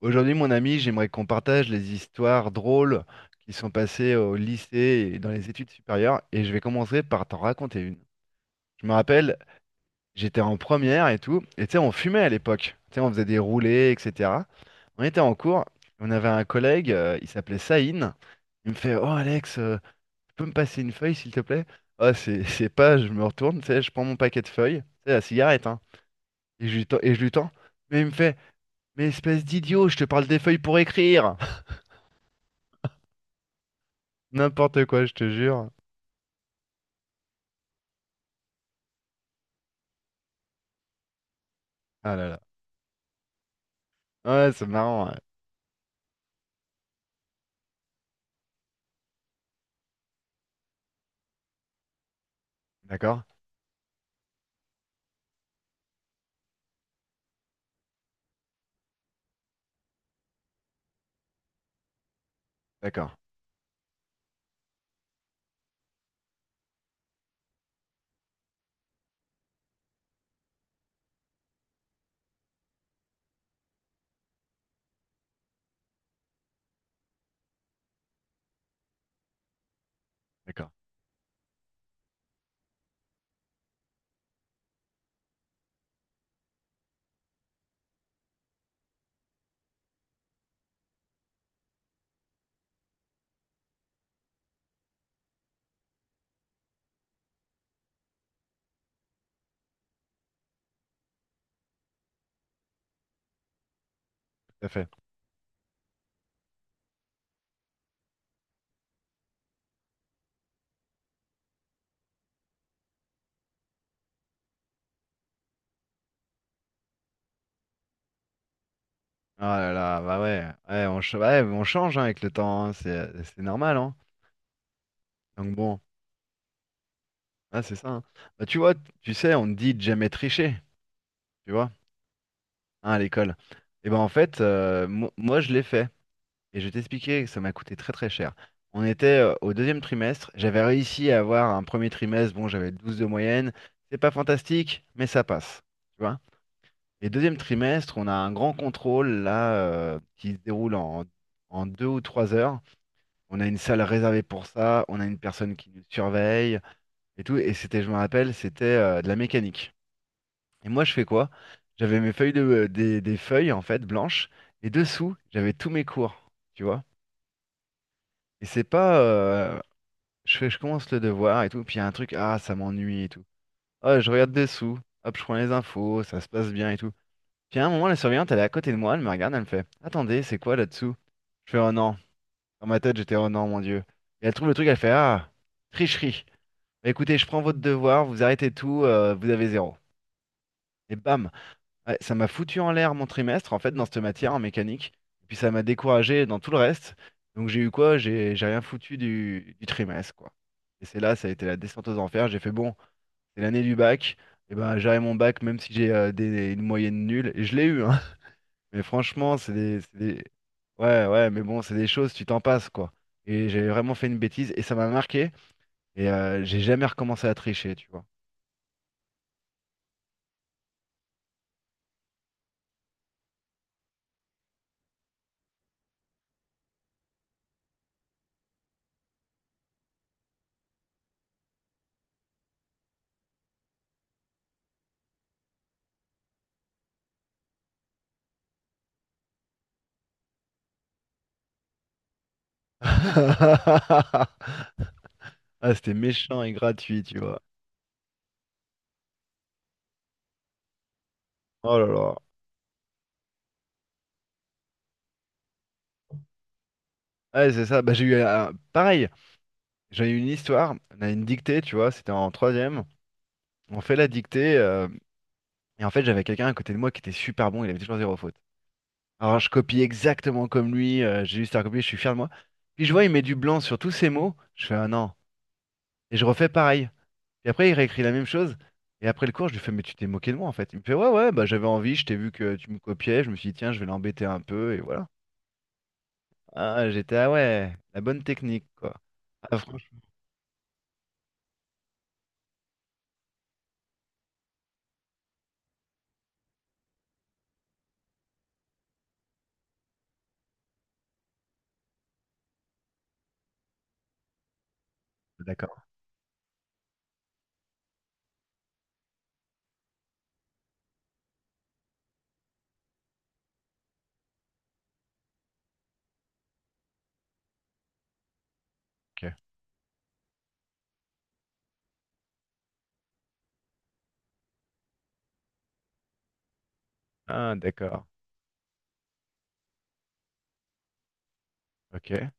Aujourd'hui, mon ami, j'aimerais qu'on partage les histoires drôles qui sont passées au lycée et dans les études supérieures. Et je vais commencer par t'en raconter une. Je me rappelle, j'étais en première et tout. Et tu sais, on fumait à l'époque. Tu sais, on faisait des roulés, etc. On était en cours. On avait un collègue, il s'appelait Saïn. Il me fait, Oh Alex, tu peux me passer une feuille, s'il te plaît? Ah, c'est pas, je me retourne, tu sais, je prends mon paquet de feuilles, c'est la cigarette, hein. Et je lui tends, et je lui tends. Mais il me fait, Mais espèce d'idiot, je te parle des feuilles pour écrire. N'importe quoi, je te jure. Ah là là. Ouais, c'est marrant, ouais. D'accord? D'accord. D'accord. Tout à fait. Ah là là, bah ouais. Ouais, ouais, on change, hein, avec le temps, hein. C'est normal, hein. Donc bon, ah, c'est ça, hein. Bah, tu vois, tu sais, on te dit de jamais tricher, tu vois, hein, à l'école. Et ben en fait, moi je l'ai fait. Et je vais t'expliquer que ça m'a coûté très très cher. On était au deuxième trimestre. J'avais réussi à avoir un premier trimestre. Bon, j'avais 12 de moyenne. C'est pas fantastique, mais ça passe, tu vois. Et deuxième trimestre, on a un grand contrôle là, qui se déroule en 2 ou 3 heures. On a une salle réservée pour ça, on a une personne qui nous surveille et tout. Et c'était, je me rappelle, c'était de la mécanique. Et moi, je fais quoi? J'avais mes feuilles des feuilles en fait blanches et dessous, j'avais tous mes cours, tu vois. Et c'est pas, je fais, je commence le devoir et tout, puis il y a un truc, ah, ça m'ennuie et tout. Ah, je regarde dessous, hop, je prends les infos, ça se passe bien et tout. Puis à un moment, la surveillante, elle est à côté de moi, elle me regarde, elle me fait «Attendez, c'est quoi là-dessous?» Je fais «Oh non». Dans ma tête, j'étais «Oh non, mon Dieu». Et elle trouve le truc, elle fait «Ah, tricherie». Bah, écoutez, je prends votre devoir, vous arrêtez tout, vous avez zéro. Et bam! Ouais, ça m'a foutu en l'air mon trimestre, en fait, dans cette matière, en mécanique. Et puis ça m'a découragé dans tout le reste. Donc j'ai eu quoi? J'ai rien foutu du trimestre, quoi. Et c'est là, ça a été la descente aux enfers. J'ai fait «Bon, c'est l'année du bac». Et ben, j'aurai mon bac, même si j'ai une moyenne nulle. Et je l'ai eu, hein. Mais franchement. Ouais, ouais, mais bon, c'est des choses, tu t'en passes, quoi. Et j'ai vraiment fait une bêtise et ça m'a marqué. Et j'ai jamais recommencé à tricher, tu vois. Ah, c'était méchant et gratuit, tu vois. Oh là là. Ouais, c'est ça. Bah, j'ai eu un... Pareil, j'ai eu une histoire. On a une dictée, tu vois. C'était en troisième. On fait la dictée. Et en fait, j'avais quelqu'un à côté de moi qui était super bon. Il avait toujours zéro faute. Alors, je copie exactement comme lui. J'ai juste à copier. Je suis fier de moi. Puis je vois, il met du blanc sur tous ses mots. Je fais, ah non. Et je refais pareil. Et après, il réécrit la même chose. Et après le cours, je lui fais, mais tu t'es moqué de moi en fait. Il me fait, ouais, ouais, bah j'avais envie, je t'ai vu que tu me copiais, je me suis dit, tiens, je vais l'embêter un peu, et voilà. Ah, j'étais, ah ouais, la bonne technique, quoi. Ah, franchement, d'accord, ok. Ah, d'accord, ok.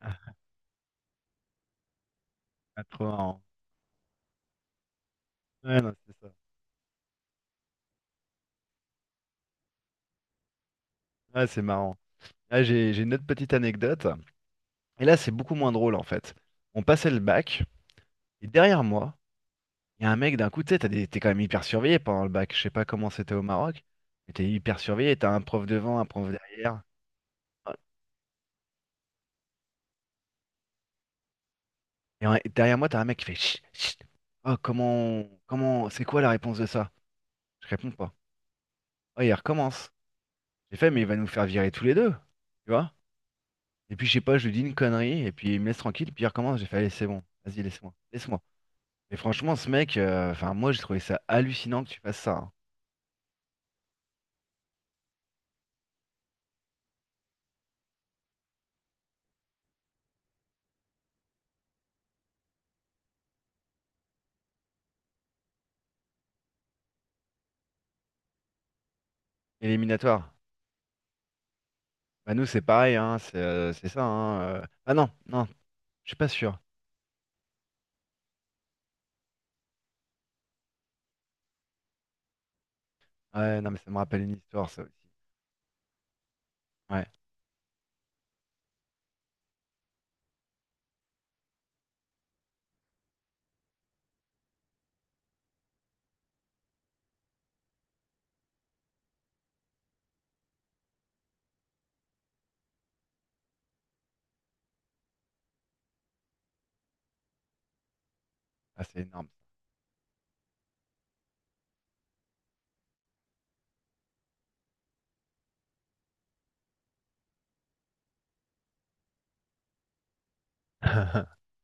Ah, ah, trop marrant. Ouais, non, c'est ça. Ah, c'est marrant. Ah, j'ai une autre petite anecdote. Et là, c'est beaucoup moins drôle en fait. On passait le bac, et derrière moi, il y a un mec, d'un coup, tu sais, t'es quand même hyper surveillé pendant le bac. Je sais pas comment c'était au Maroc, mais t'es hyper surveillé. T'as un prof devant, un prof derrière. Et derrière moi, t'as un mec qui fait Chut, chut. Oh, comment, c'est quoi la réponse de ça? Je réponds pas. Oh, il recommence. J'ai fait, mais il va nous faire virer tous les deux. Tu vois? Et puis, je sais pas, je lui dis une connerie, et puis il me laisse tranquille, puis il recommence. J'ai fait, allez, c'est bon. Vas-y, laisse-moi. Laisse-moi. Et franchement, ce mec, enfin, moi, j'ai trouvé ça hallucinant que tu fasses ça, hein. Éliminatoire. Bah, nous, c'est pareil, hein. C'est ça, hein. Ah non, non. Je suis pas sûr. Ouais, non, mais ça me rappelle une histoire, ça aussi. Ouais, ah, c'est énorme.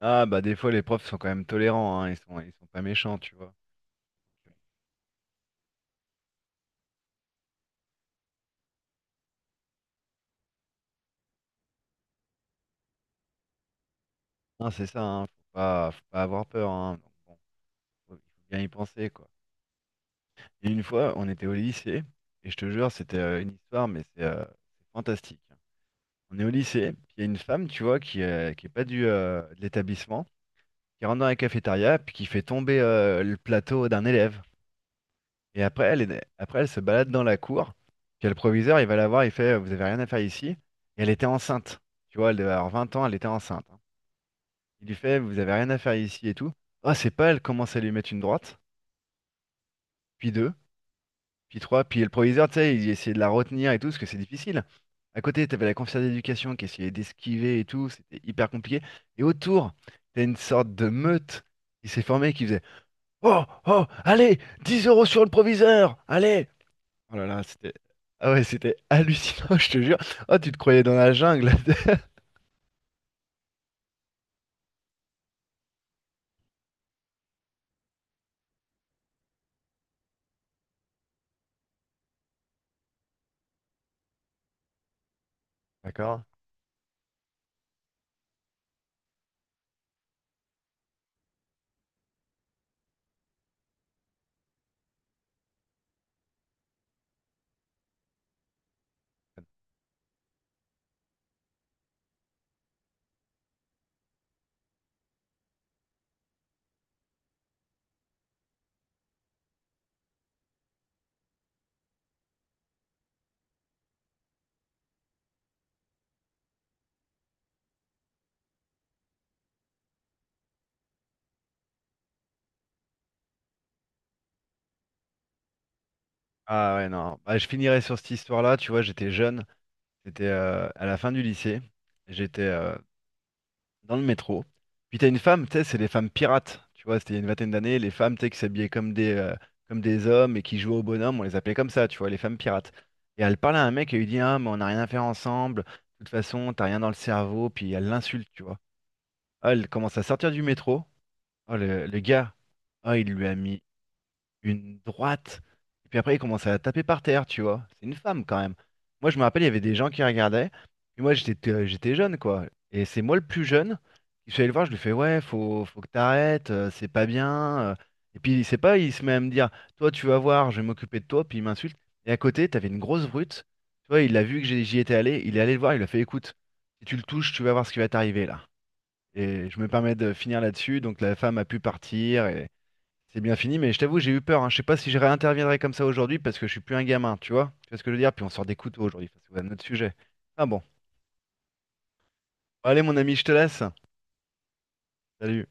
Ah, bah, des fois, les profs sont quand même tolérants, hein. Ils sont pas méchants, tu vois. Non, c'est ça, hein. Faut pas avoir peur, hein. Donc, bon, il faut bien y penser, quoi. Et une fois, on était au lycée, et je te jure, c'était une histoire, mais c'est fantastique. On est au lycée, puis il y a une femme, tu vois, qui est pas de l'établissement, qui rentre dans la cafétéria, puis qui fait tomber le plateau d'un élève. Et après, après, elle se balade dans la cour. Puis le proviseur, il va la voir, il fait, vous avez rien à faire ici. Et elle était enceinte. Tu vois, elle devait avoir 20 ans, elle était enceinte, hein. Il lui fait, vous avez rien à faire ici et tout. Ah, c'est pas, elle commence à lui mettre une droite, puis deux, puis trois. Puis le proviseur, tu sais, il essayait de la retenir et tout, parce que c'est difficile. À côté, t'avais la conseillère d'éducation qui essayait d'esquiver et tout, c'était hyper compliqué. Et autour, t'as une sorte de meute qui s'est formée qui faisait, oh, oh, allez, 10 euros sur le proviseur, allez. Oh là là, c'était. Ah ouais, c'était hallucinant, je te jure. Oh, tu te croyais dans la jungle. D'accord. Ah ouais, non. Bah, je finirai sur cette histoire-là. Tu vois, j'étais jeune. C'était à la fin du lycée. J'étais dans le métro. Puis t'as une femme, tu sais, c'est les femmes pirates. Tu vois, c'était il y a une vingtaine d'années. Les femmes, tu sais, qui s'habillaient comme des hommes et qui jouaient au bonhomme. On les appelait comme ça, tu vois, les femmes pirates. Et elle parlait à un mec et lui dit, Ah, mais on n'a rien à faire ensemble. De toute façon, t'as rien dans le cerveau. Puis elle l'insulte, tu vois. Ah, elle commence à sortir du métro. Oh, le gars, ah, il lui a mis une droite. Et puis après, il commençait à taper par terre, tu vois. C'est une femme quand même. Moi, je me rappelle, il y avait des gens qui regardaient. Et moi, j'étais jeune, quoi. Et c'est moi le plus jeune. Je suis allé le voir, je lui fais, ouais, faut que t'arrêtes, c'est pas bien. Et puis, il sait pas, il se met à me dire, toi, tu vas voir, je vais m'occuper de toi. Puis il m'insulte. Et à côté, t'avais une grosse brute. Tu vois, il a vu que j'y étais allé. Il est allé le voir, il a fait, écoute, si tu le touches, tu vas voir ce qui va t'arriver là. Et je me permets de finir là-dessus. Donc, la femme a pu partir. C'est bien fini, mais je t'avoue, j'ai eu peur, hein. Je sais pas si je réinterviendrai comme ça aujourd'hui parce que je suis plus un gamin, tu vois? Tu vois ce que je veux dire? Puis on sort des couteaux aujourd'hui, ça c'est quand même notre sujet. Ah bon. Bon, allez, mon ami, je te laisse. Salut.